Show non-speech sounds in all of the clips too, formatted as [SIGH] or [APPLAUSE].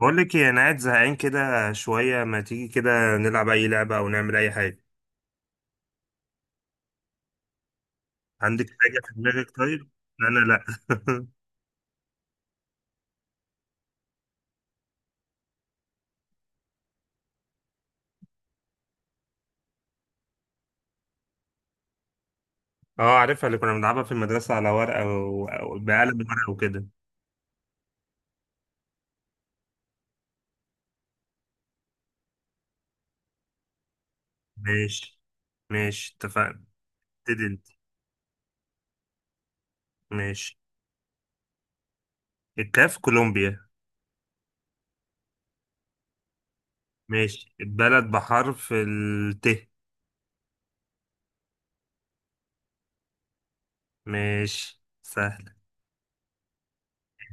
بقول لك ايه؟ انا قاعد زهقان كده شويه، ما تيجي كده نلعب اي لعبه او نعمل اي حاجه؟ عندك حاجه في دماغك طيب؟ انا لا. [LAUGHS] اه، عارفها، اللي كنا بنلعبها في المدرسه على ورقه او بقلم ورقه وكده. ماشي. ماشي، اتفقنا. ابتدي انت. ماشي. الكاف، كولومبيا. ماشي. البلد بحرف الت. ماشي، سهل.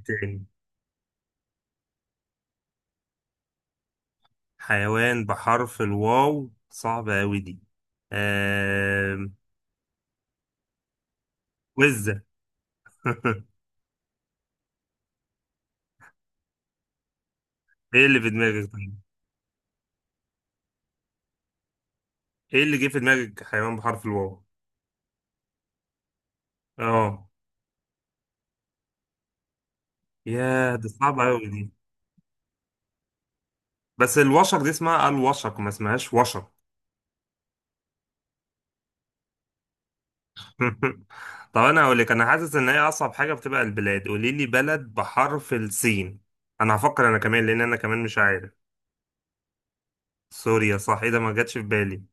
تاني. حيوان بحرف الواو صعبة أوي دي. آه... وزة. [LAUGHS] ايه اللي في دماغك طيب؟ ايه اللي جه في دماغك حيوان بحرف الواو؟ اه. يا دي صعبة أوي دي. بس الوشق دي اسمها الوشق، ما اسمهاش وشق. [LAUGHS] طب انا هقول لك، انا حاسس ان هي اصعب حاجة بتبقى البلاد. قولي لي بلد بحرف السين. انا هفكر انا كمان، لان انا كمان مش عارف. سوريا، صح. ايه ده، ما جاتش في بالي.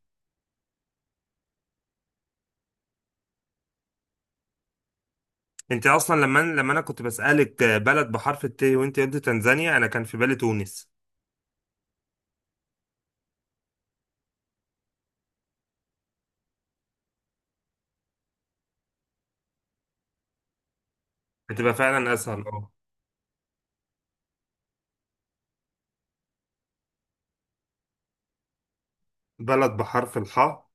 انت اصلا لما انا كنت بسألك بلد بحرف الت وانت قلت تنزانيا، انا كان في بالي تونس. هتبقى فعلا اسهل، اه. بلد بحرف الحاء.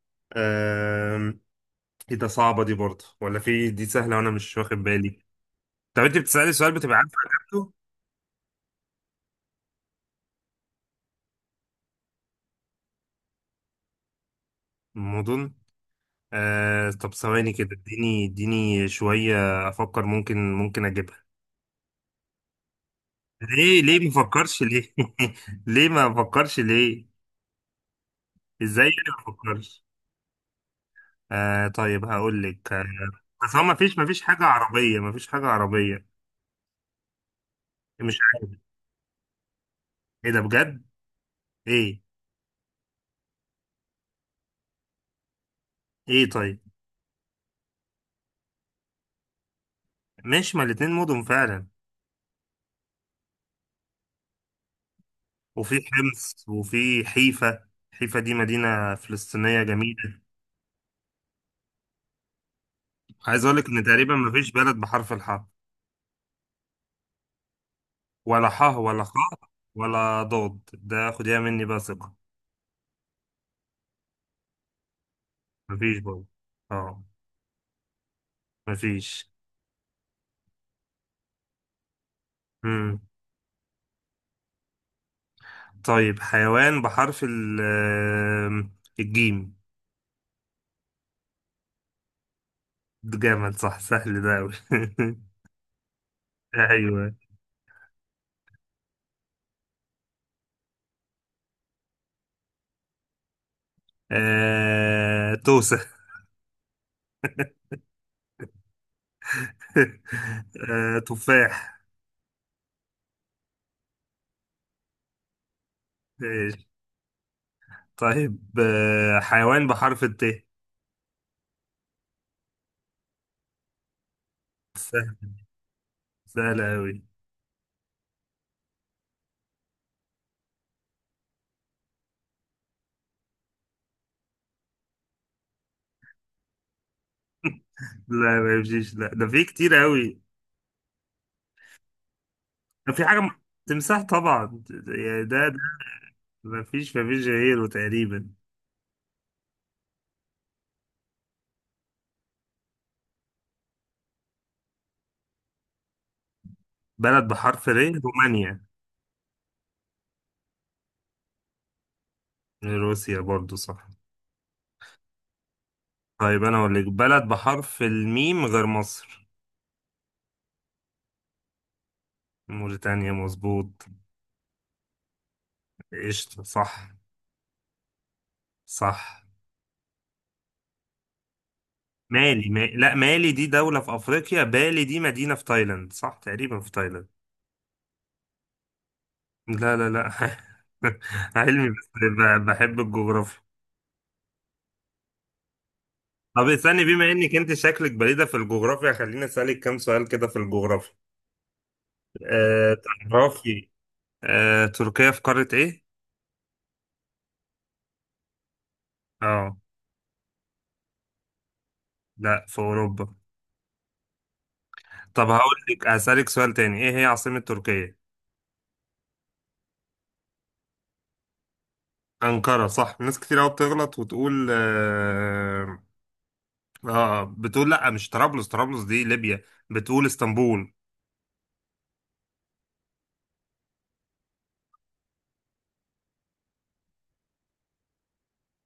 ايه ده، صعبة دي برضه ولا في دي سهلة وانا مش واخد بالي؟ طب انت بتسألي سؤال بتبقى عارفة اجابته؟ الموضوع. آه، طب ثواني كده، اديني شوية افكر، ممكن اجيبها. ليه ما فكرش ليه؟ [LAUGHS] ليه ما فكرش ليه؟ ازاي انا ما فكرش؟ آه، طيب هقول لك بس هو ما فيش حاجة عربية، ما فيش حاجة عربية. مش عارف. ايه ده بجد؟ ايه؟ ايه طيب. ماشي، ما الاتنين مدن فعلا. وفي حمص وفي حيفا. حيفا دي مدينة فلسطينية جميلة. عايز أقولك إن تقريبا مفيش بلد بحرف الحاء، ولا حاء ولا خاء ولا ضاد. ده خديها مني بقى ثقة. مفيش برضه. اه. مفيش. مم. طيب، حيوان بحرف ال، الجيم. ده جامد، صح، سهل ده أوي. [LAUGHS] أيوه. توسة. [LAUGHS] تفاح. ماشي. طيب، حيوان بحرف الت. سهلة أوي. لا ما يمشيش، لا، ده في كتير أوي. في حاجة م- تمساح طبعا، يعني ده. ما فيش غيره تقريبا. بلد بحرف ر. رومانيا. روسيا برضو صح. طيب أنا أقول لك بلد بحرف الميم غير مصر. موريتانيا، مظبوط. قشطة، صح. صح. مالي ما... لا، مالي دي دولة في أفريقيا، بالي دي مدينة في تايلاند، صح تقريبا في تايلاند. لا لا لا. [LAUGHS] علمي، بس بحب الجغرافيا. طب استني، بما انك انت شكلك بليدة في الجغرافيا، خليني اسالك كام سؤال كده في الجغرافيا. أه. تعرفي، أه، تركيا في قارة ايه؟ اه. لا، في اوروبا. طب هقول لك اسالك سؤال تاني، ايه هي عاصمة تركيا؟ أنقرة، صح. ناس كتير قوي بتغلط وتقول اه، بتقول لا مش طرابلس، طرابلس دي ليبيا. بتقول اسطنبول.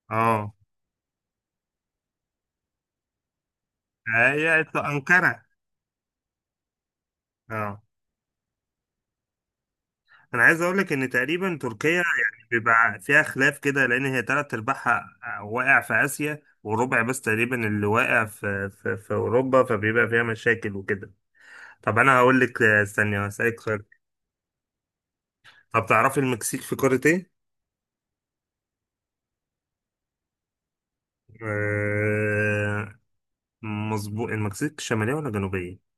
اه، هي أنقرة. اه. انا عايز اقول لك ان تقريبا تركيا يعني بيبقى فيها خلاف كده، لان هي تلات ارباعها واقع في اسيا، وربع بس تقريبا اللي واقع في اوروبا، فبيبقى فيها مشاكل وكده. طب انا هقول لك، استني هسألك سؤال. طب تعرفي المكسيك في قارة ايه؟ آه، مظبوط. المكسيك شمالية ولا جنوبية؟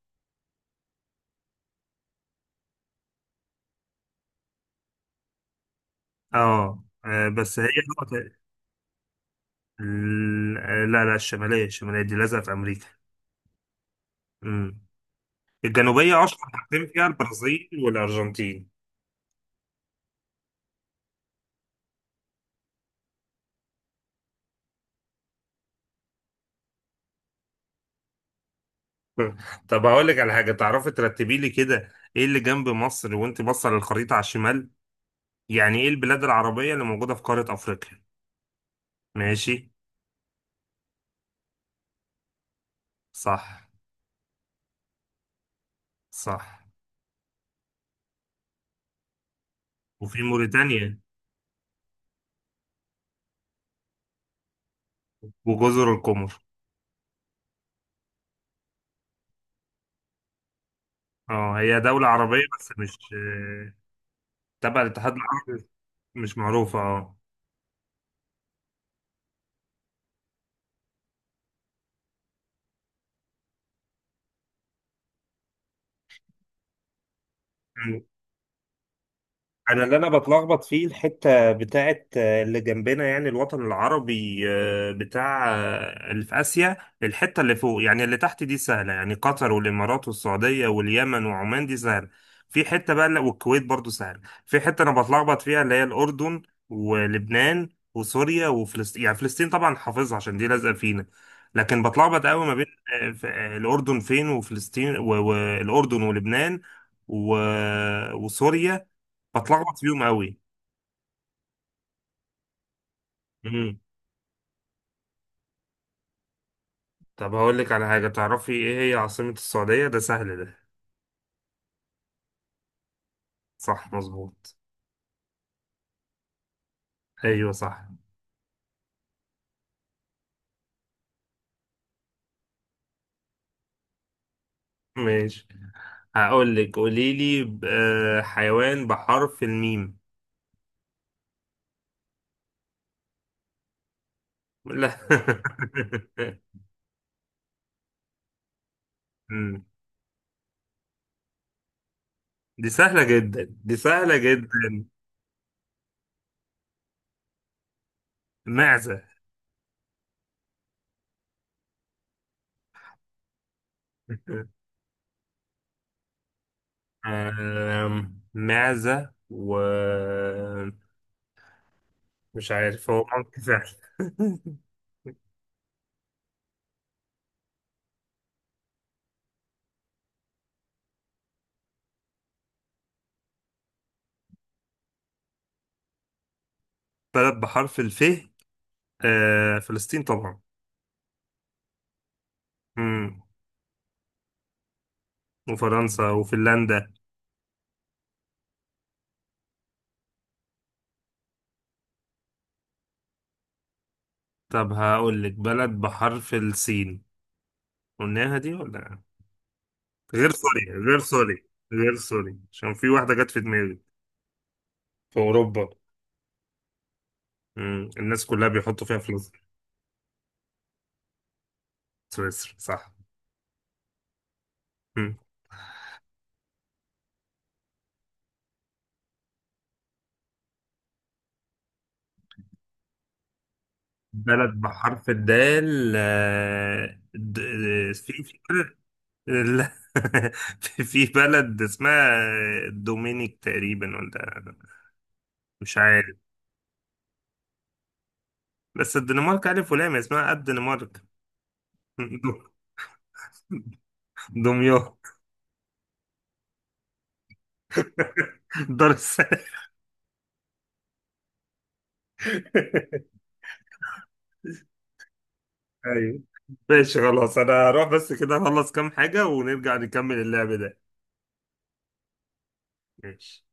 اه. بس هي نقطة. لا لا، الشمالية، الشمالية دي لازقة في امريكا. امم الجنوبية اشهر حاجتين فيها البرازيل والارجنتين. [LAUGHS] طب هقول لك على حاجه، تعرفي ترتبي لي كده ايه اللي جنب مصر وانت باصه للخريطه على الشمال؟ يعني ايه البلاد العربيه اللي موجوده في قاره افريقيا؟ ماشي. صح. صح. وفي موريتانيا. وجزر القمر. اه هي دوله عربيه بس مش تبع الاتحاد العربي. مش معروفه، اه. انا اللي انا بتلخبط فيه الحته بتاعت اللي جنبنا، يعني الوطن العربي بتاع اللي في اسيا. الحته اللي فوق، يعني اللي تحت دي سهله، يعني قطر والامارات والسعوديه واليمن وعمان، دي سهله. في حته بقى والكويت برضو سهله. في حته انا بتلخبط فيها، اللي هي الاردن ولبنان وسوريا وفلسطين. يعني فلسطين طبعا حافظها عشان دي لازقه فينا. لكن بتلخبط قوي ما بين الاردن فين وفلسطين والاردن ولبنان و- وسوريا. بتلخبط فيهم قوي. امم طب هقول لك على حاجة، تعرفي ايه هي عاصمة السعودية؟ ده سهل ده. صح، مظبوط. ايوه صح. ماشي. هقول لك قولي لي حيوان بحرف الميم. لا. [LAUGHS] أمم. دي سهلة جدا، دي سهلة جدا. معزة. [LAUGHS] معزة و، مش عارف، هو ممكن سهل. [LAUGHS] بلد بحرف الف. آه، فلسطين طبعا. مم. وفرنسا وفنلندا. طب هقول لك بلد بحرف السين. قلناها دي ولا؟ غير سوريا، غير سوريا، غير سوريا عشان في واحدة جت في دماغي، في أوروبا. الناس كلها بيحطوا فيها فلوس. سويسرا، صح. مم. بلد بحرف الدال. في بلد. لا. [LAUGHS] في بلد اسمها دومينيك تقريبا، ولا مش عارف. بس الدنمارك ألف ولام، اسمها الدنمارك. [LAUGHS] دمياط. دار السلام. ايوه ماشي، خلاص، انا هروح بس كده اخلص كام حاجة ونرجع نكمل اللعب ده. ماشي.